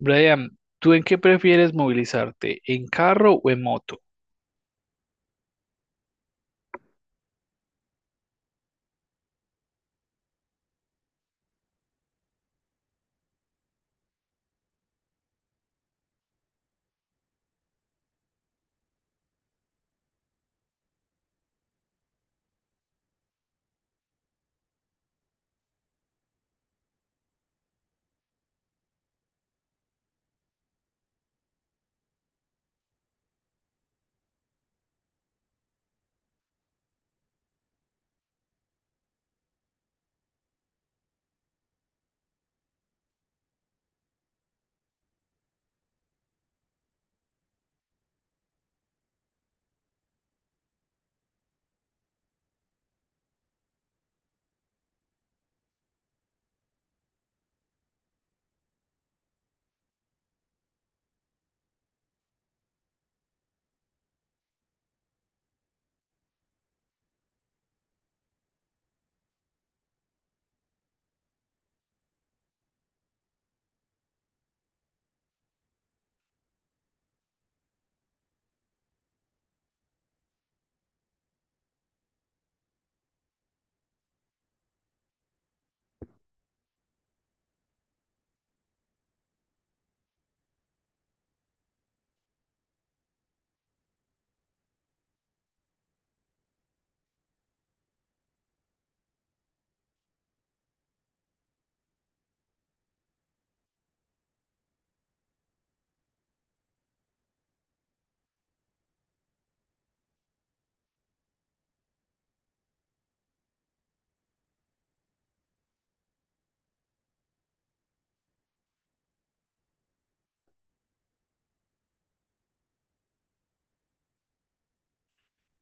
Brian, ¿tú en qué prefieres movilizarte? ¿En carro o en moto?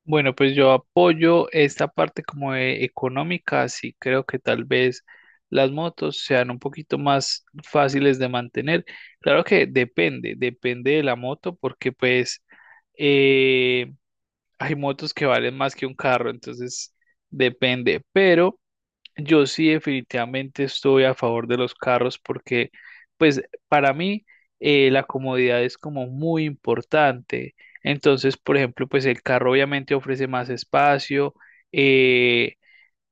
Bueno, pues yo apoyo esta parte como de económica, así creo que tal vez las motos sean un poquito más fáciles de mantener. Claro que depende de la moto, porque pues eh, hay motos que valen más que un carro, entonces depende, pero... Yo sí definitivamente estoy a favor de los carros porque, pues, para mí la comodidad es como muy importante. Entonces, por ejemplo, pues el carro obviamente ofrece más espacio, eh,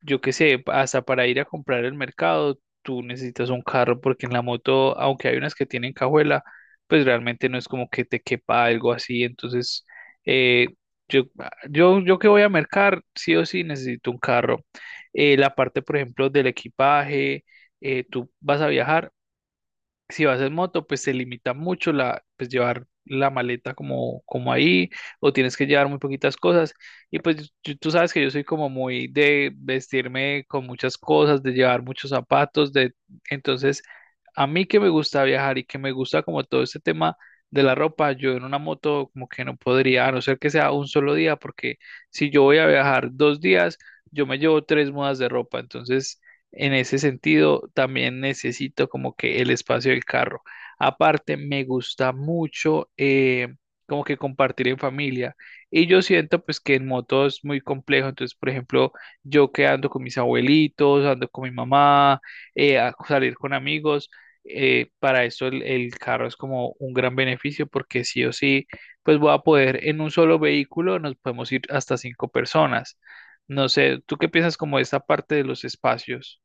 yo qué sé, hasta para ir a comprar el mercado, tú necesitas un carro porque en la moto, aunque hay unas que tienen cajuela, pues realmente no es como que te quepa algo así. Entonces, eh, yo, yo que voy a mercar, sí o sí necesito un carro. La parte, por ejemplo, del equipaje, tú vas a viajar, si vas en moto, pues se limita mucho la, pues llevar la maleta como, como ahí, o tienes que llevar muy poquitas cosas. Y pues yo- tú sabes que yo soy como muy de vestirme con muchas cosas, de llevar muchos zapatos, de entonces a mí que me gusta viajar y que me gusta como todo este tema de la ropa, yo en una moto como que no podría, a no ser que sea un solo día, porque si yo voy a viajar dos días, yo me llevo tres mudas de ropa, entonces en ese sentido, también necesito como que el espacio del carro. Aparte, me gusta mucho como que compartir en familia. Y yo siento pues que en moto es muy complejo. Entonces, por ejemplo, yo que ando con mis abuelitos, ando con mi mamá, a salir con amigos, para eso el carro es como un gran beneficio porque sí o sí, pues voy a poder en un solo vehículo, nos podemos ir hasta cinco personas. No sé, ¿tú qué piensas como de esta parte de los espacios?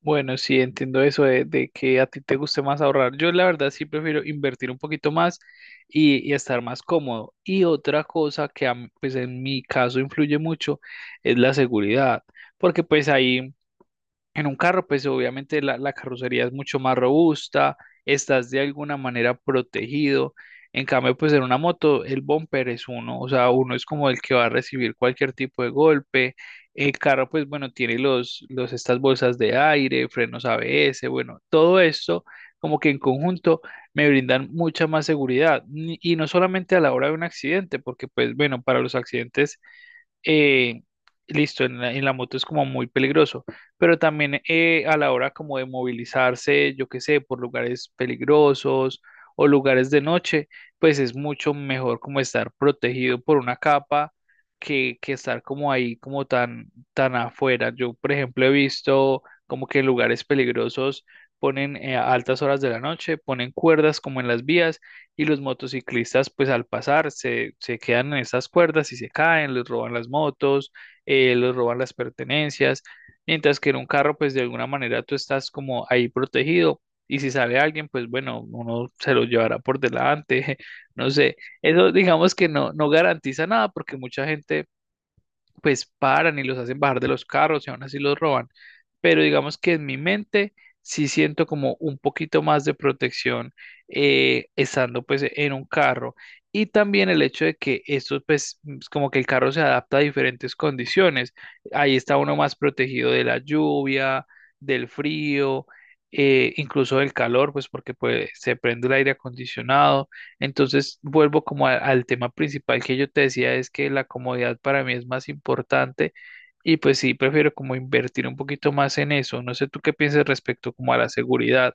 Bueno, sí, entiendo eso de que a ti te guste más ahorrar. Yo la verdad sí prefiero invertir un poquito más y estar más cómodo. Y otra cosa que a mí, pues en mi caso influye mucho es la seguridad, porque pues ahí en un carro, pues obviamente la carrocería es mucho más robusta, estás de alguna manera protegido. En cambio, pues en una moto, el bumper es uno, o sea, uno es como el que va a recibir cualquier tipo de golpe. El carro, pues bueno, tiene los estas bolsas de aire, frenos ABS, bueno, todo esto como que en conjunto me brindan mucha más seguridad. Ni- Y no solamente a la hora de un accidente, porque pues bueno, para los accidentes eh, listo, en la moto es como muy peligroso, pero también a la hora como de movilizarse, yo qué sé, por lugares peligrosos o lugares de noche, pues es mucho mejor como estar protegido por una capa que estar como ahí, como tan, tan afuera. Yo, por ejemplo, he visto como que en lugares peligrosos ponen a altas horas de la noche, ponen cuerdas como en las vías y los motociclistas pues al pasar se quedan en esas cuerdas y se caen, les roban las motos, les roban las pertenencias, mientras que en un carro pues de alguna manera tú estás como ahí protegido y si sale alguien pues bueno, uno se lo llevará por delante, no sé, eso digamos que no garantiza nada porque mucha gente pues paran y los hacen bajar de los carros y aún así los roban. Pero digamos que en mi mente sí siento como un poquito más de protección estando pues en un carro. Y también el hecho de que esto pues es como que el carro se adapta a diferentes condiciones. Ahí está uno más protegido de la lluvia, del frío, incluso del calor, pues porque pues, se prende el aire acondicionado. Entonces, vuelvo como a- al tema principal que yo te decía, es que la comodidad para mí es más importante y pues sí, prefiero como invertir un poquito más en eso. No sé tú qué piensas respecto como a la seguridad.